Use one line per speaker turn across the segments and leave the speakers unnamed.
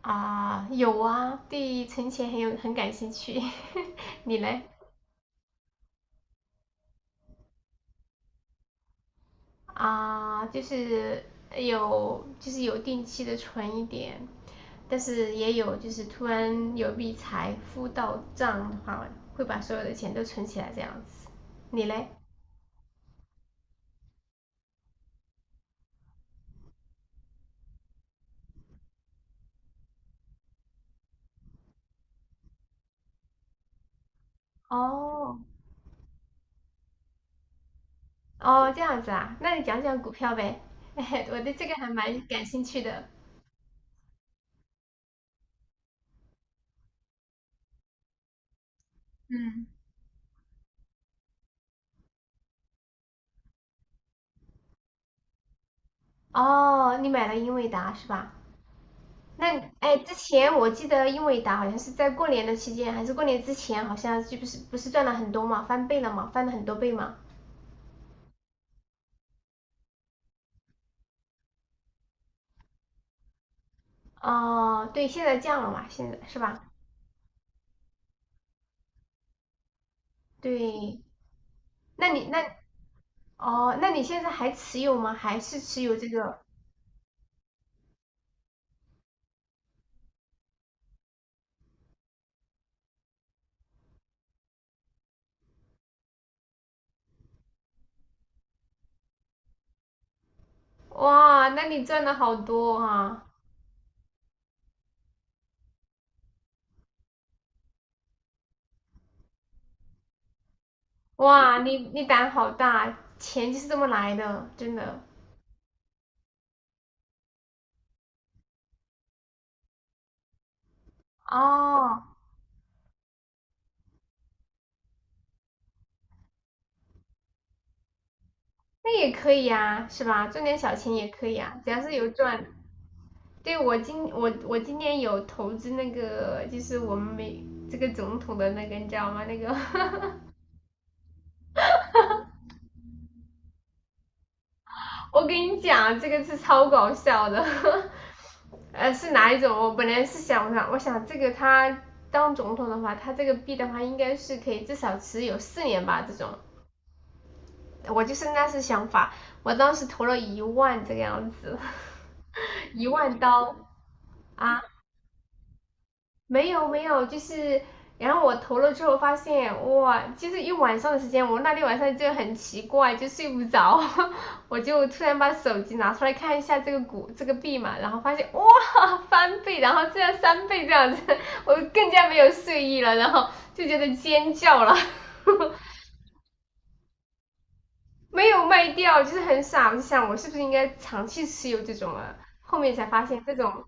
啊，有啊，对存钱很很感兴趣。你嘞？啊，就是有有定期的存一点，但是也有就是突然有笔财富到账的话，会把所有的钱都存起来这样子。你嘞？哦，哦，这样子啊，那你讲讲股票呗。我对这个还蛮感兴趣的。嗯。哦，你买了英伟达是吧？那哎，之前我记得英伟达好像是在过年的期间，还是过年之前，好像就不是不是赚了很多嘛，翻倍了嘛，翻了很多倍嘛。哦，对，现在降了嘛，现在是吧？对，那你那哦，那你现在还持有吗？还是持有这个？哇，那你赚了好多啊！哇，你胆好大，钱就是这么来的，真的。哦，那也可以呀，是吧？赚点小钱也可以啊，只要是有赚。对我今年有投资那个，就是我们美这个总统的那个，你知道吗？那个 我跟你讲，这个是超搞笑的。是哪一种？我本来是想这个他当总统的话，他这个币的话，应该是可以至少持有四年吧，这种。我就是那是想法，我当时投了一万这个样子，一万刀啊。没有，就是然后我投了之后发现，哇，就是一晚上的时间，我那天晚上就很奇怪，就睡不着，我就突然把手机拿出来看一下这个股这个币嘛，然后发现哇翻倍，然后这样三倍这样子，我更加没有睡意了，然后就觉得尖叫了，没有卖掉，就是很傻，我就想我是不是应该长期持有这种啊？后面才发现这种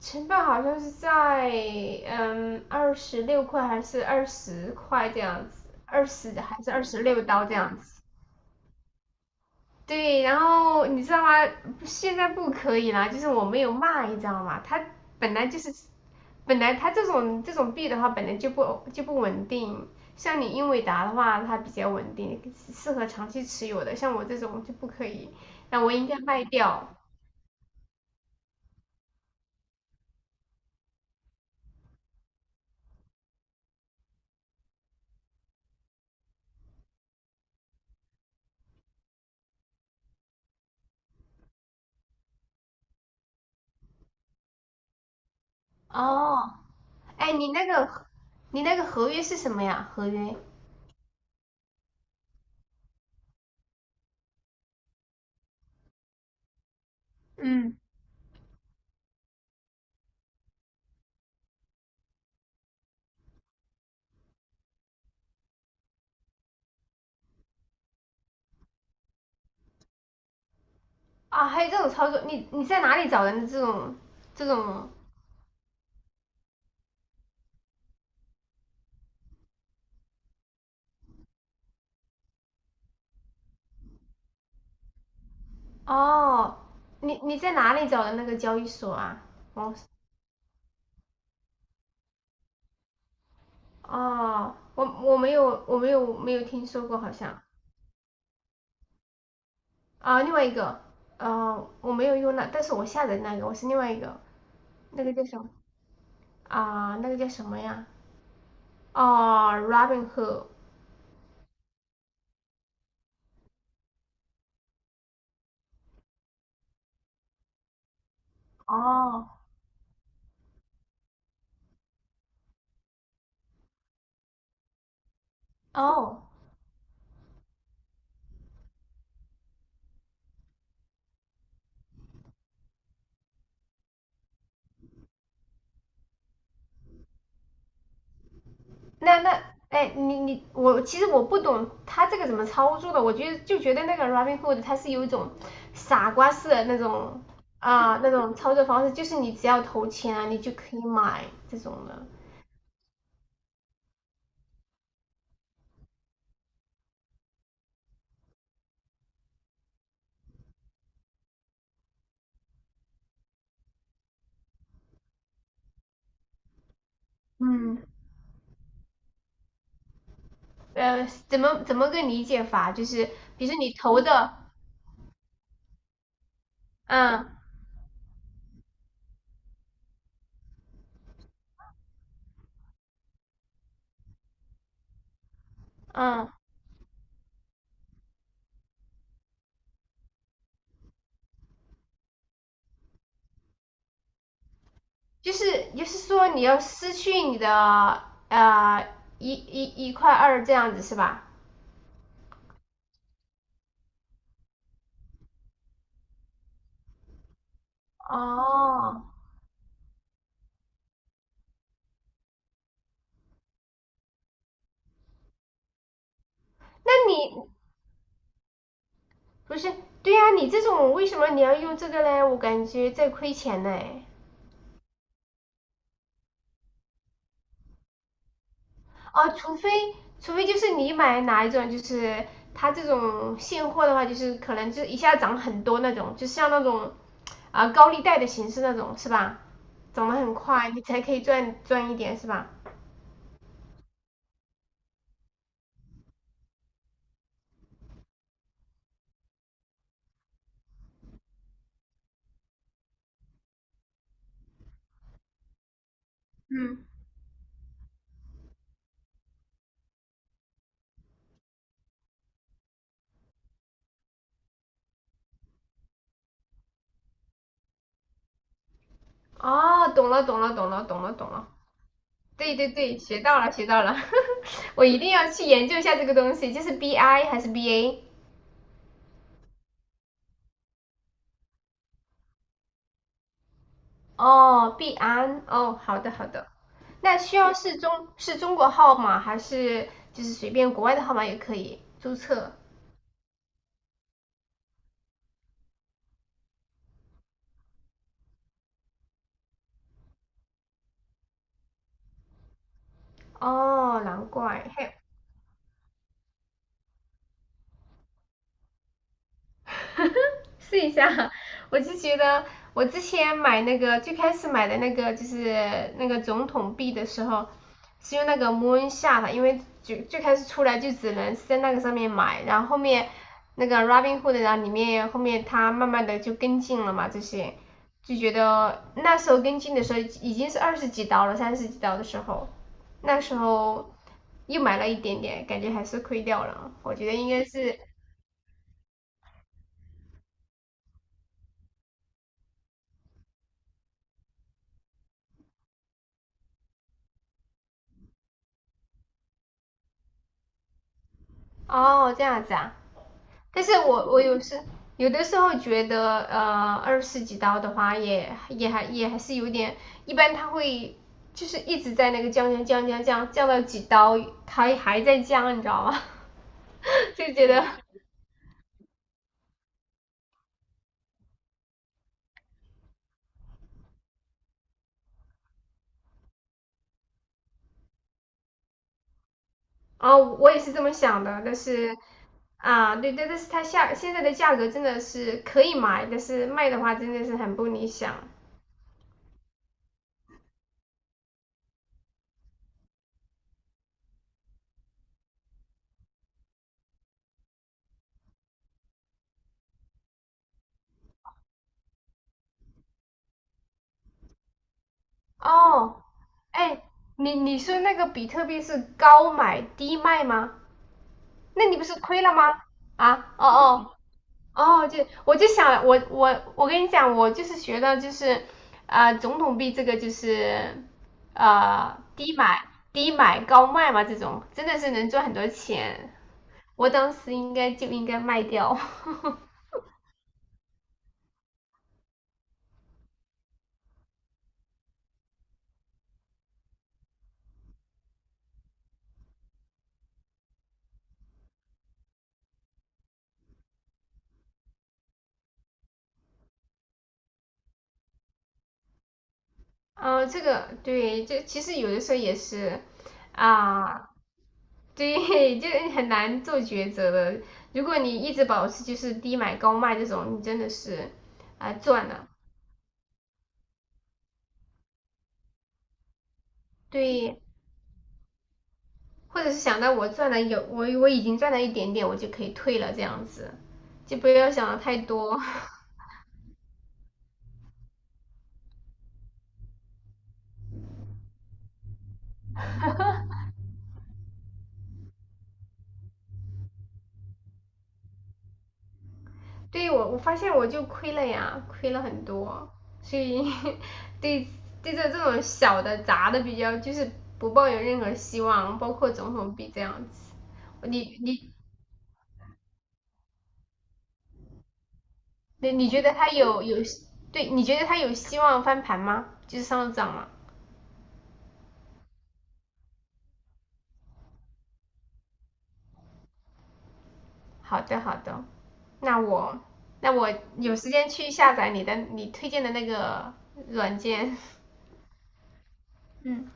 成本好像是在二十六块还是二十块这样子，二十还是二十六刀这样子。对，然后你知道吗？现在不可以啦，就是我没有卖，你知道吗？它本来就是，本来它这种币的话，本来就不稳定。像你英伟达的话，它比较稳定，适合长期持有的。像我这种就不可以，那我应该卖掉。哦，哎，你那个合约是什么呀？合约？嗯，啊，还有这种操作，你在哪里找的这种？哦，你在哪里找的那个交易所啊？哦哦，我没有没有听说过好像啊，另外一个呃我没有用那，但是我下载那个另外一个那个叫什么啊？那个叫什么呀？哦，Robinhood,哦哦那那哎，你其实我不懂他这个怎么操作的，我觉得觉得那个 Robinhood 它是有一种傻瓜式的那种那种操作方式，就是你只要投钱啊，你就可以买这种的。嗯，怎么个理解法？就是比如说你投的，嗯嗯，就是说你要失去你的呃一块二这样子是吧？哦，那你不是，对呀、你这种为什么你要用这个嘞？我感觉在亏钱嘞。哦，除非就是你买哪一种，就是它这种现货的话，就是可能就一下涨很多那种，就像那种啊、高利贷的形式那种，是吧？涨得很快，你才可以赚一点，是吧？嗯，哦，懂了。对对对，学到了，学到了。我一定要去研究一下这个东西，就是 BI 还是 BA?哦，币安，哦，好的好的。那需要是是中国号码还是就是随便国外的号码也可以注册？哦，难怪。试一下，我就觉得我之前买那个最开始买的那个就是那个总统币的时候，是用那个 Moon 下的，因为就最开始出来就只能是在那个上面买，然后后面那个 Robinhood,然后里面后面它慢慢的就跟进了嘛，这些就觉得那时候跟进的时候已经是二十几刀了，三十几刀的时候，那时候又买了一点点，感觉还是亏掉了，我觉得应该是哦这样子啊。但是我有时有的时候觉得，二十几刀的话也也还是有点，一般它会就是一直在那个降到几刀，它还在降，你知道吗？就觉得啊、我也是这么想的，但是啊，对对，但是现在的价格真的是可以买，但是卖的话真的是很不理想。哦，哎，你你说那个比特币是高买低卖吗？那你不是亏了吗？啊，哦，就我就想我跟你讲，我就是学到就是啊、总统币这个就是呃低买低买高卖嘛，这种真的是能赚很多钱。我当时应该应该卖掉。嗯、这个对，这其实有的时候也是啊，对，就很难做抉择的。如果你一直保持就是低买高卖这种，你真的是啊、赚了。对，或者是想到我赚了我已经赚了一点点，我就可以退了这样子，就不要想的太多。对我发现我就亏了呀，亏了很多，所以 对对着这种小的砸的比较就是不抱有任何希望，包括总统币这样子。你你你觉得他有对？你觉得他有希望翻盘吗？就是上涨吗？好的，好的，那我那我有时间去下载你推荐的那个软件。嗯，